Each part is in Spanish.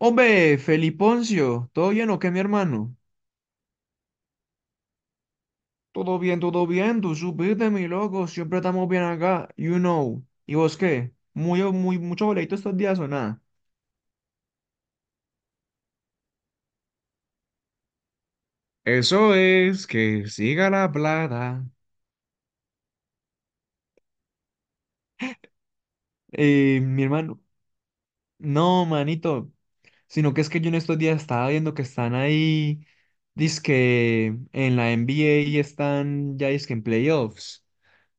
Hombre, Feliponcio, ¿todo bien o qué, mi hermano? Todo bien, tú supiste, mi loco, siempre estamos bien acá, you know. ¿Y vos qué? Muy, muy, mucho boleto estos días o nada. Eso es, que siga la plata. Mi hermano, no, manito, sino que es que yo en estos días estaba viendo que están ahí, dizque en la NBA y están ya dizque en playoffs.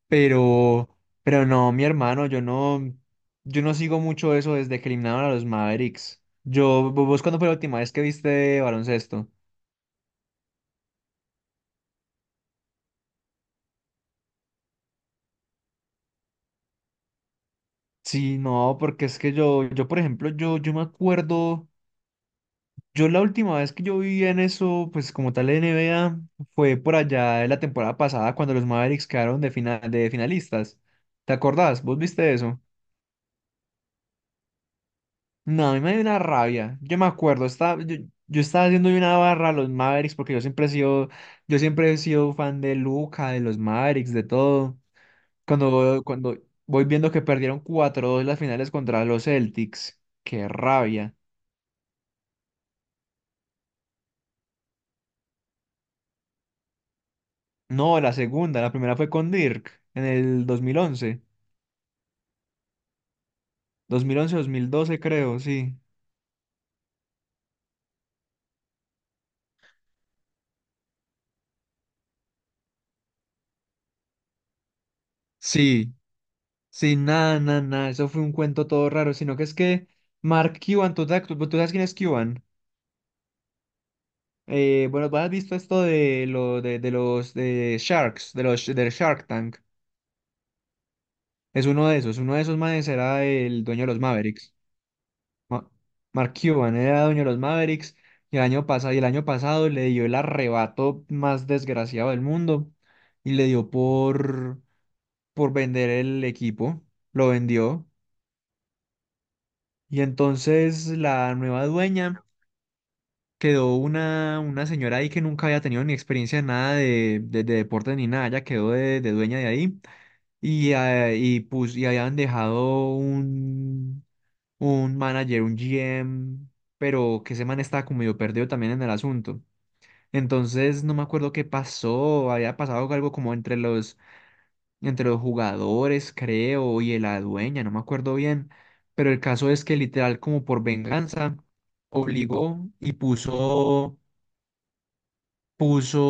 Pero, pero no, mi hermano, yo no sigo mucho eso desde que eliminaron a los Mavericks. ¿Vos cuándo fue la última vez que viste baloncesto? Sí, no, porque es que por ejemplo, yo me acuerdo, yo la última vez que yo vi en eso, pues como tal NBA, fue por allá en la temporada pasada cuando los Mavericks quedaron de final, de finalistas. ¿Te acordás? ¿Vos viste eso? No, a mí me dio una rabia. Yo me acuerdo, yo estaba haciendo una barra a los Mavericks porque yo siempre he sido, yo siempre he sido fan de Luca, de los Mavericks, de todo. Cuando voy viendo que perdieron 4-2 las finales contra los Celtics, qué rabia. No, la segunda, la primera fue con Dirk en el 2011, 2011-2012 creo, sí. Sí, sí, nada, nada, nada, eso fue un cuento todo raro, sino que es que Mark Cuban, ¿tú, te- tú tú sabes quién es Cuban? Bueno, ¿tú has visto esto de, de los de Sharks, de los del Shark Tank? Es uno de esos. Uno de esos manes era el dueño de los Mavericks. Ma- Mark Cuban era dueño de los Mavericks y el año pasado, y el año pasado le dio el arrebato más desgraciado del mundo y le dio por vender el equipo. Lo vendió. Y entonces la nueva dueña quedó una señora ahí que nunca había tenido ni experiencia en nada de deportes ni nada. Ella quedó de dueña de ahí. Y habían dejado un manager, un GM, pero que ese man estaba como medio perdido también en el asunto. Entonces no me acuerdo qué pasó, había pasado algo como entre entre los jugadores, creo, y la dueña, no me acuerdo bien. Pero el caso es que literal como por venganza obligó y puso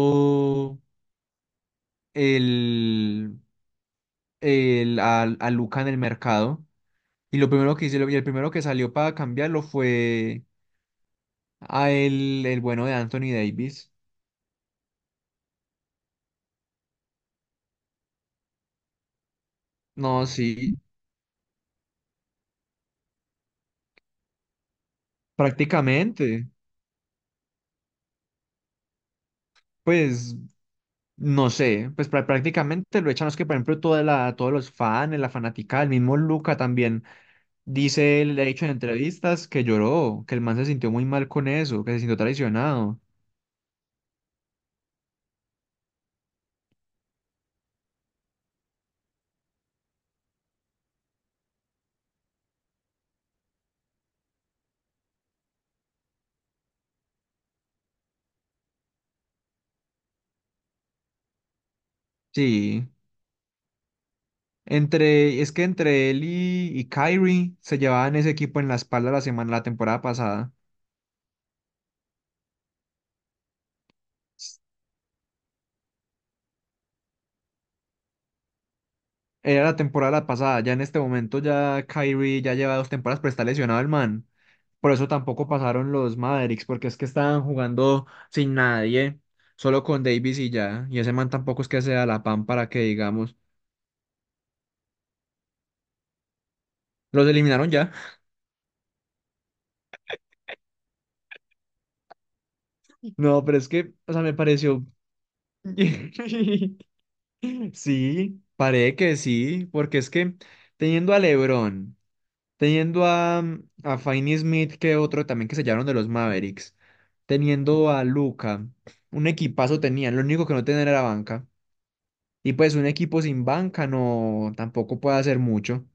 el, a Luca en el mercado. Y lo primero que hicieron, y el primero que salió para cambiarlo fue a el bueno de Anthony Davis. No, sí, prácticamente, pues, no sé, pues prácticamente lo echan, es que por ejemplo toda la, todos los fans, la fanática, el mismo Luca también, dice, él, le ha dicho en entrevistas que lloró, que el man se sintió muy mal con eso, que se sintió traicionado. Sí, es que entre él y Kyrie se llevaban ese equipo en la espalda la semana, la temporada pasada. Era la temporada pasada, ya en este momento ya Kyrie ya lleva dos temporadas, pero está lesionado el man. Por eso tampoco pasaron los Mavericks, porque es que estaban jugando sin nadie, solo con Davis y ya. Y ese man tampoco es que sea la pan para que digamos, los eliminaron ya. No, pero es que, o sea, me pareció. Sí, parece que sí, porque es que teniendo a LeBron. Teniendo a, a Finney Smith, que otro también que se sellaron de los Mavericks. Teniendo a Luca. Un equipazo tenían. Lo único que no tenían era banca. Y pues un equipo sin banca no tampoco puede hacer mucho.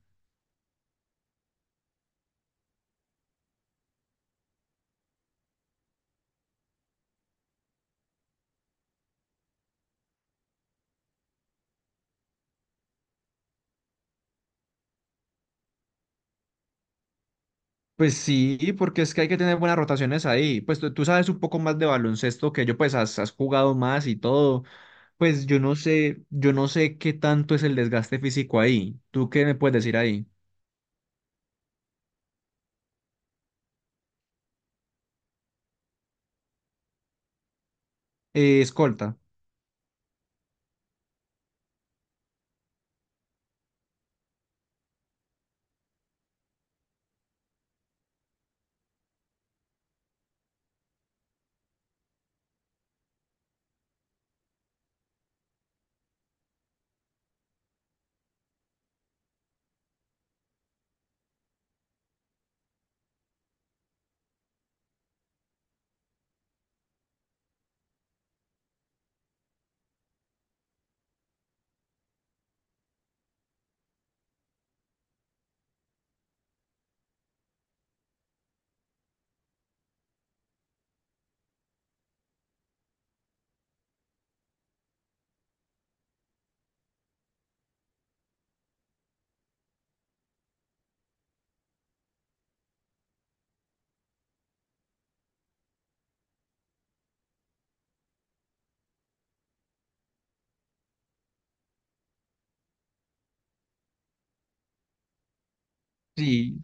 Pues sí, porque es que hay que tener buenas rotaciones ahí. Pues tú sabes un poco más de baloncesto que yo, pues has, has jugado más y todo. Pues yo no sé qué tanto es el desgaste físico ahí. ¿Tú qué me puedes decir ahí? Escolta. Sí,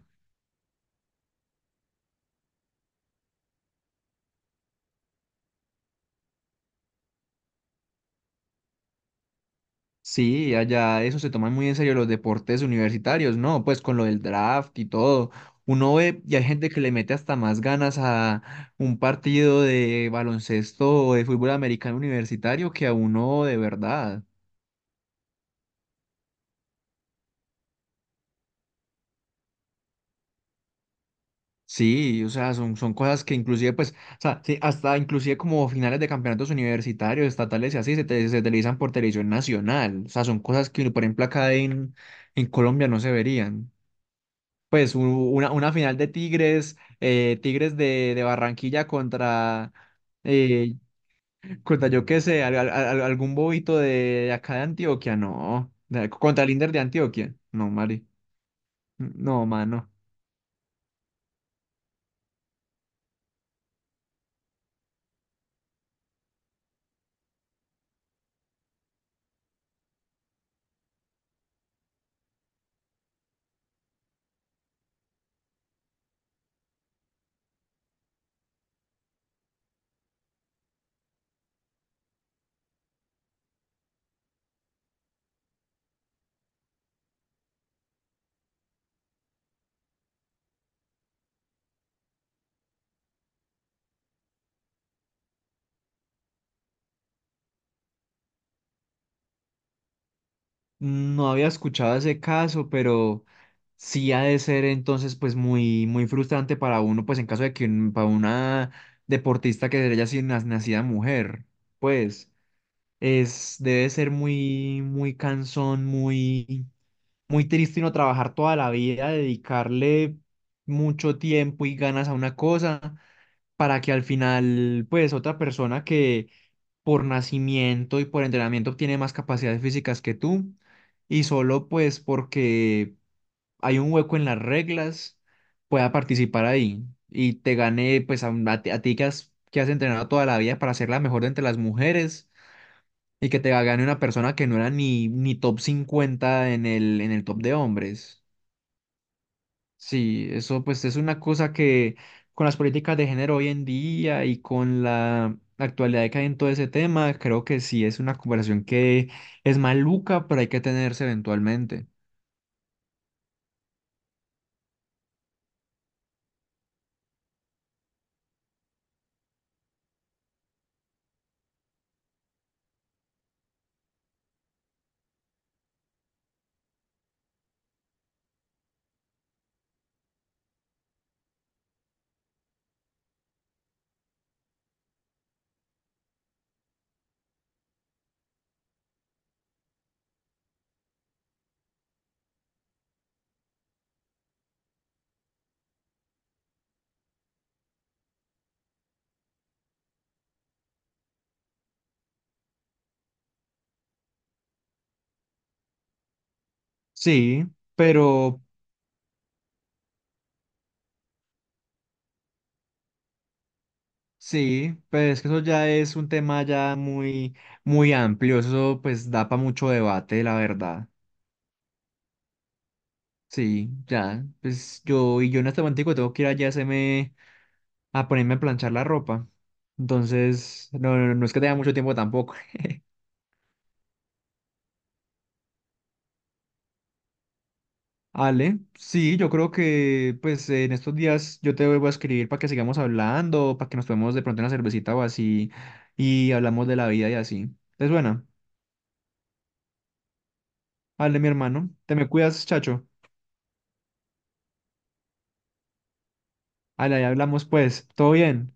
sí, allá eso se toman muy en serio los deportes universitarios, ¿no? Pues con lo del draft y todo. Uno ve y hay gente que le mete hasta más ganas a un partido de baloncesto o de fútbol americano universitario que a uno de verdad. Sí, o sea, son cosas que inclusive, pues, o sea, sí, hasta inclusive como finales de campeonatos universitarios, estatales y así, se televisan por televisión nacional. O sea, son cosas que, por ejemplo, acá en Colombia no se verían. Pues una final de Tigres, Tigres de Barranquilla contra, eh, contra yo qué sé, algún bobito de acá de Antioquia, no. Contra el Inder de Antioquia, no, Mari. No, mano. No había escuchado ese caso, pero sí ha de ser entonces pues muy, muy frustrante para uno, pues en caso de que para una deportista que haya sido nacida mujer, pues es, debe ser muy, muy cansón, muy... muy triste no trabajar toda la vida, dedicarle mucho tiempo y ganas a una cosa para que al final, pues, otra persona que por nacimiento y por entrenamiento tiene más capacidades físicas que tú y solo pues porque hay un hueco en las reglas pueda participar ahí y te gane pues a, a ti que has entrenado toda la vida para ser la mejor de entre las mujeres. Y que te gane una persona que no era ni top 50 en el top de hombres. Sí, eso pues es una cosa que con las políticas de género hoy en día y con la actualidad que hay en todo ese tema, creo que sí es una conversación que es maluca, pero hay que tenerse eventualmente. Sí, pero sí, pues que eso ya es un tema ya muy, muy amplio, eso pues da para mucho debate, la verdad. Sí, ya, pues yo en este momento tengo que ir allá a a ponerme a planchar la ropa. Entonces, no es que tenga mucho tiempo tampoco. Ale, sí, yo creo que pues en estos días yo te vuelvo a escribir para que sigamos hablando, para que nos tomemos de pronto una cervecita o así y hablamos de la vida y así. Entonces, bueno, ale, mi hermano, te me cuidas, chacho. Ale, ahí hablamos pues, todo bien.